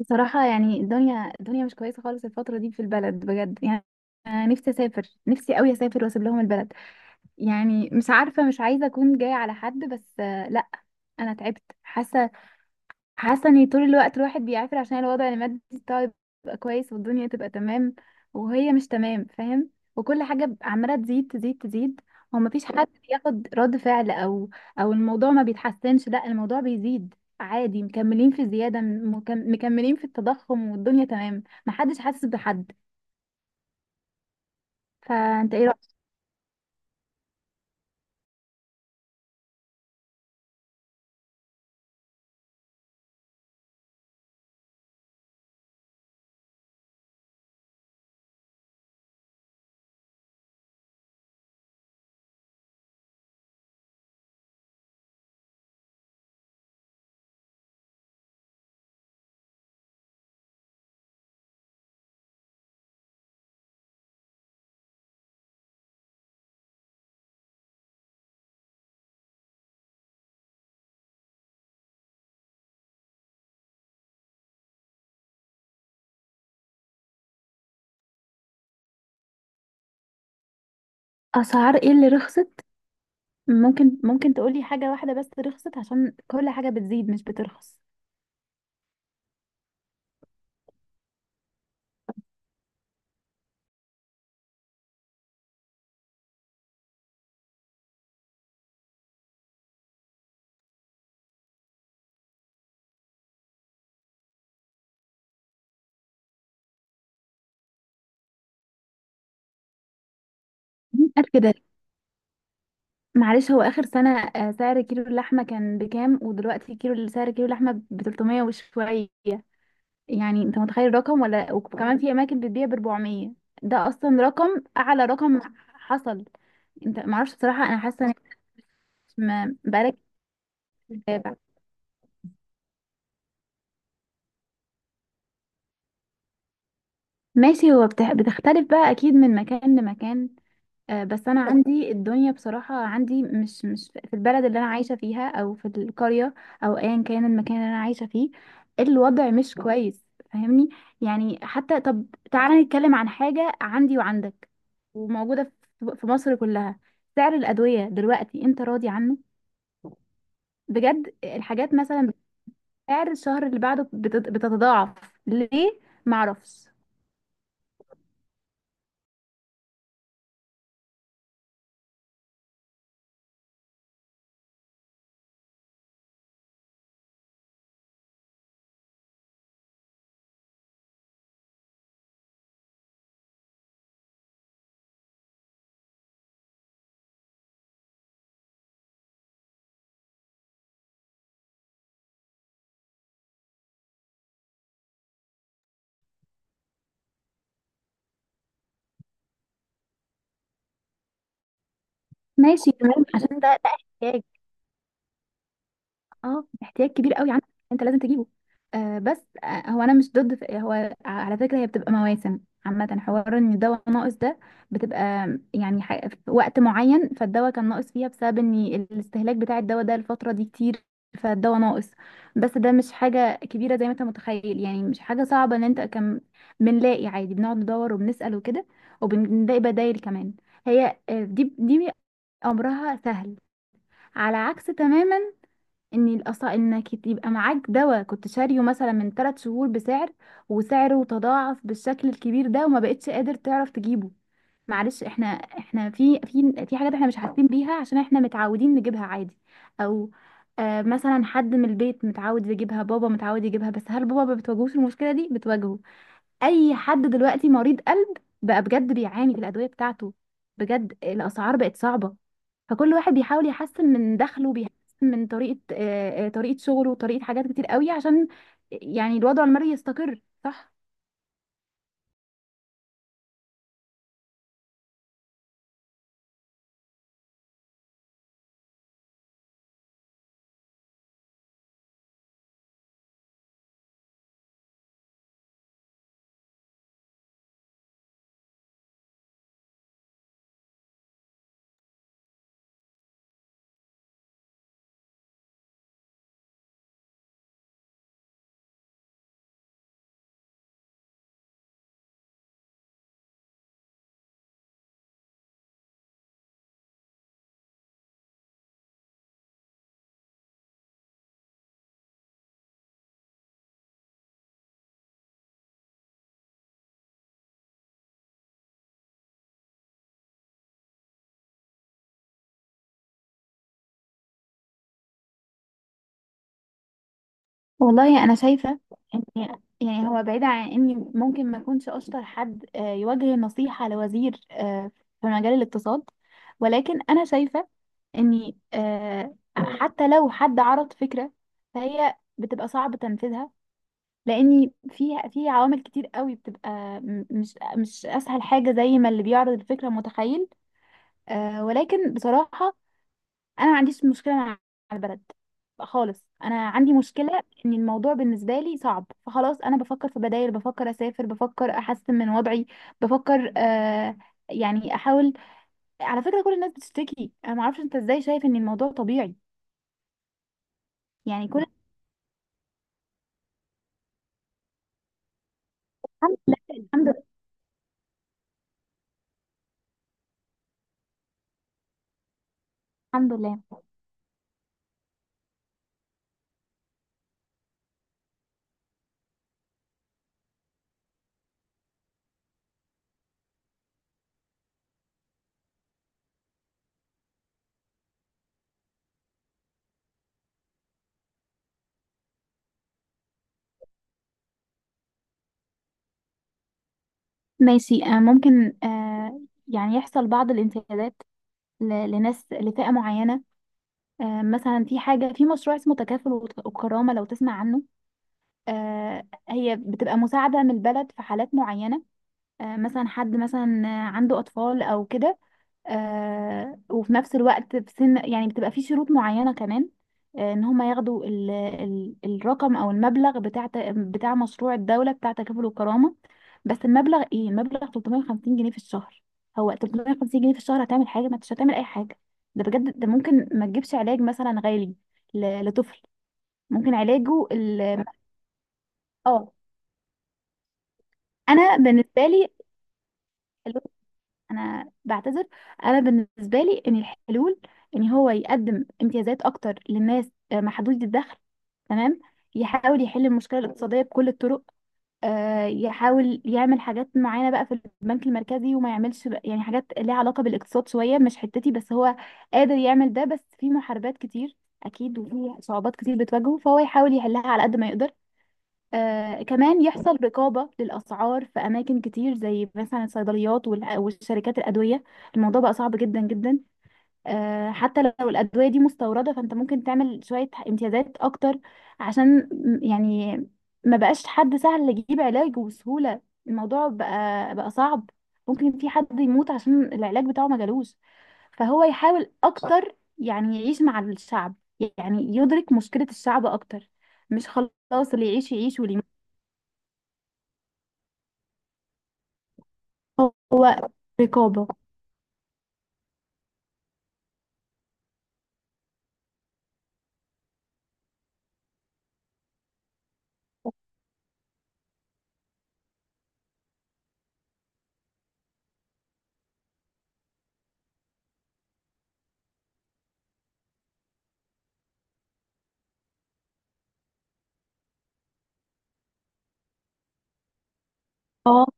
بصراحة يعني الدنيا مش كويسة خالص الفترة دي في البلد بجد يعني. أنا نفسي أسافر، نفسي أوي أسافر وأسيب لهم البلد. يعني مش عارفة، مش عايزة أكون جاية على حد، بس آه، لأ. أنا تعبت، حاسة حاسه ان طول الوقت الواحد بيعافر عشان الوضع المادي بتاعه يبقى كويس والدنيا تبقى تمام، وهي مش تمام، فاهم؟ وكل عماله تزيد تزيد تزيد. هو مفيش حد بياخد رد فعل، او الموضوع ما بيتحسنش، لا الموضوع بيزيد عادي، مكملين في الزياده، مكملين في التضخم والدنيا تمام، محدش حاسس بحد. فانت ايه رأيك؟ اسعار ايه اللي رخصت؟ ممكن تقولي حاجه واحده بس رخصت، عشان كل حاجه بتزيد مش بترخص. مين قال كده؟ معلش، هو آخر سنة سعر كيلو اللحمة كان بكام؟ ودلوقتي كيلو، سعر كيلو اللحمة ب 300 وشوية، يعني انت متخيل الرقم؟ ولا وكمان في أماكن بتبيع ب 400. ده أصلا رقم أعلى رقم حصل. انت معرفش، بصراحة أنا حاسة إن بقالك متابع. ماشي، هو بتختلف بقى أكيد من مكان لمكان. آه، بس انا عندي الدنيا بصراحة، عندي مش في البلد اللي انا عايشة فيها، او في القرية، او ايا كان المكان اللي انا عايشة فيه، الوضع مش كويس، فاهمني؟ يعني حتى، طب تعالى نتكلم عن حاجة عندي وعندك وموجودة في مصر كلها. سعر الأدوية دلوقتي انت راضي عنه؟ بجد الحاجات مثلا سعر الشهر اللي بعده بتتضاعف. ليه؟ معرفش. ماشي تمام، عشان ده احتياج. اه، احتياج كبير قوي عندك، انت لازم تجيبه. آه بس، آه هو انا مش ضد، هو على فكره هي بتبقى مواسم عامه، حوار ان الدواء ناقص ده بتبقى، يعني في وقت معين فالدواء كان ناقص فيها بسبب ان الاستهلاك بتاع الدواء ده الفتره دي كتير، فالدواء ناقص. بس ده مش حاجه كبيره زي ما انت متخيل، يعني مش حاجه صعبه ان انت كم، بنلاقي عادي، بنقعد ندور وبنسال وكده، وبنلاقي بدايل كمان. هي آه، دي امرها سهل. على عكس تماما، ان انك يبقى معاك دواء كنت شاريه مثلا من 3 شهور بسعر، وسعره تضاعف بالشكل الكبير ده وما بقتش قادر تعرف تجيبه. معلش، احنا في في حاجات احنا مش حاسين بيها عشان احنا متعودين نجيبها عادي. او آه مثلا حد من البيت متعود يجيبها، بابا متعود يجيبها، بس هل بابا ما بتواجهوش المشكلة دي؟ بتواجهه. اي حد دلوقتي مريض قلب بقى بجد بيعاني في الادويه بتاعته، بجد الاسعار بقت صعبه. فكل واحد بيحاول يحسن من دخله، بيحسن من طريقه آه، آه، طريقه شغله وطريقه حاجات كتير قوي عشان يعني الوضع المالي يستقر، صح. والله انا شايفه ان، يعني هو بعيد عن اني ممكن ما اكونش اشطر حد آه، يوجه نصيحه لوزير آه، في مجال الاقتصاد، ولكن انا شايفه اني آه، حتى لو حد عرض فكره فهي بتبقى صعب تنفيذها، لاني فيها في عوامل كتير قوي، بتبقى مش اسهل حاجه زي ما اللي بيعرض الفكره متخيل. آه، ولكن بصراحه انا ما عنديش مشكله مع البلد خالص، انا عندي مشكله ان الموضوع بالنسبه لي صعب، فخلاص انا بفكر في بدائل، بفكر اسافر، بفكر احسن من وضعي، بفكر آه يعني احاول. على فكره كل الناس بتشتكي، انا ما اعرفش انت ازاي شايف ان الموضوع طبيعي؟ يعني كل. الحمد لله. الحمد لله. الحمد لله. ماشي آه، ممكن آه، يعني يحصل بعض الانتهاكات لناس، لفئة معينة آه، مثلا في حاجة، في مشروع اسمه تكافل وكرامة، لو تسمع عنه. آه، هي بتبقى مساعدة من البلد في حالات معينة. آه، مثلا حد مثلا عنده أطفال أو كده، آه، وفي نفس الوقت في سن، يعني بتبقى في شروط معينة كمان، آه، إن هما ياخدوا ال الرقم أو المبلغ بتاع بتاع مشروع الدولة، بتاع تكافل والكرامة. بس المبلغ إيه؟ المبلغ 350 ج في الشهر. هو 350 ج في الشهر هتعمل حاجة؟ ما انتش هتعمل أي حاجة. ده بجد ده ممكن ما تجيبش علاج مثلا غالي لطفل، ممكن علاجه ال، اه انا بالنسبه لي الحلول، انا بعتذر، انا بالنسبه لي ان الحلول ان هو يقدم امتيازات اكتر للناس آه، محدودي الدخل، تمام. يحاول يحل المشكله الاقتصاديه بكل الطرق، آه، يحاول يعمل حاجات معينه بقى في البنك المركزي وما يعملش يعني حاجات ليها علاقه بالاقتصاد شويه مش حتتي، بس هو قادر يعمل ده، بس في محاربات كتير اكيد وفي صعوبات كتير بتواجهه، فهو يحاول يحلها على قد ما يقدر. آه كمان يحصل رقابة للأسعار في أماكن كتير زي مثلا الصيدليات والشركات الأدوية، الموضوع بقى صعب جدا جدا. آه حتى لو الأدوية دي مستوردة، فأنت ممكن تعمل شوية امتيازات أكتر عشان يعني ما بقاش حد سهل يجيب علاج بسهولة، الموضوع بقى صعب، ممكن في حد يموت عشان العلاج بتاعه ما جالوش. فهو يحاول أكتر يعني يعيش مع الشعب، يعني يدرك مشكلة الشعب أكتر، مش خلاص اللي يعيش يعيش واللي، هو رقابة. اه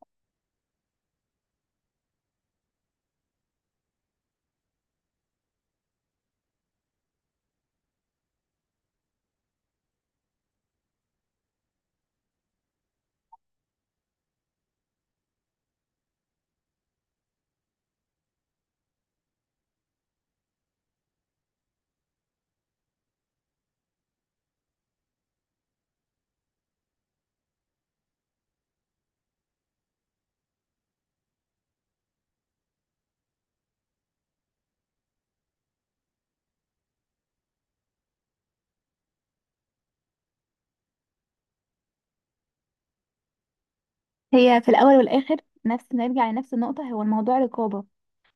هي في الأول والآخر، نفس، نرجع لنفس النقطة، هو الموضوع رقابة،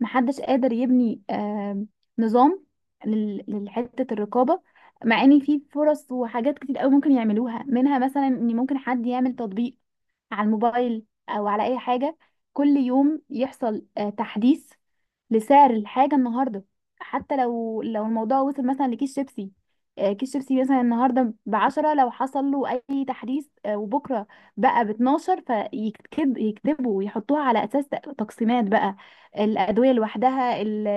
محدش قادر يبني نظام لحتة الرقابة، مع ان في فرص وحاجات كتير قوي ممكن يعملوها، منها مثلا ان ممكن حد يعمل تطبيق على الموبايل او على اي حاجة، كل يوم يحصل آه، تحديث لسعر الحاجة النهاردة، حتى لو الموضوع وصل مثلا لكيس شيبسي، آه، كيس شيبسي مثلا النهاردة ب 10، لو حصل له أي تحديث آه، وبكرة بقى ب 12، فيكتب يكتبوا ويحطوها على أساس تقسيمات بقى، الأدوية لوحدها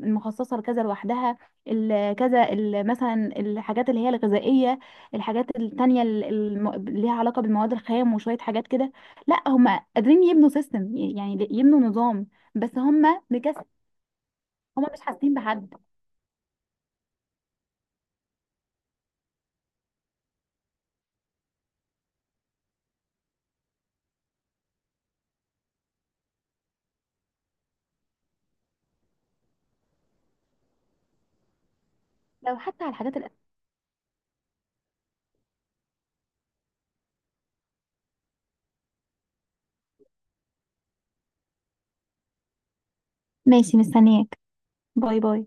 المخصصة لكذا لوحدها، مثلا الحاجات اللي هي الغذائية، الحاجات التانية اللي ليها علاقة بالمواد الخام وشوية حاجات كده. لا هم قادرين يبنوا سيستم، يعني يبنوا نظام، بس هم، هما مش حاسين بحد، لو حتى على الحاجات الأساسية. ماشي مستنياك، باي باي.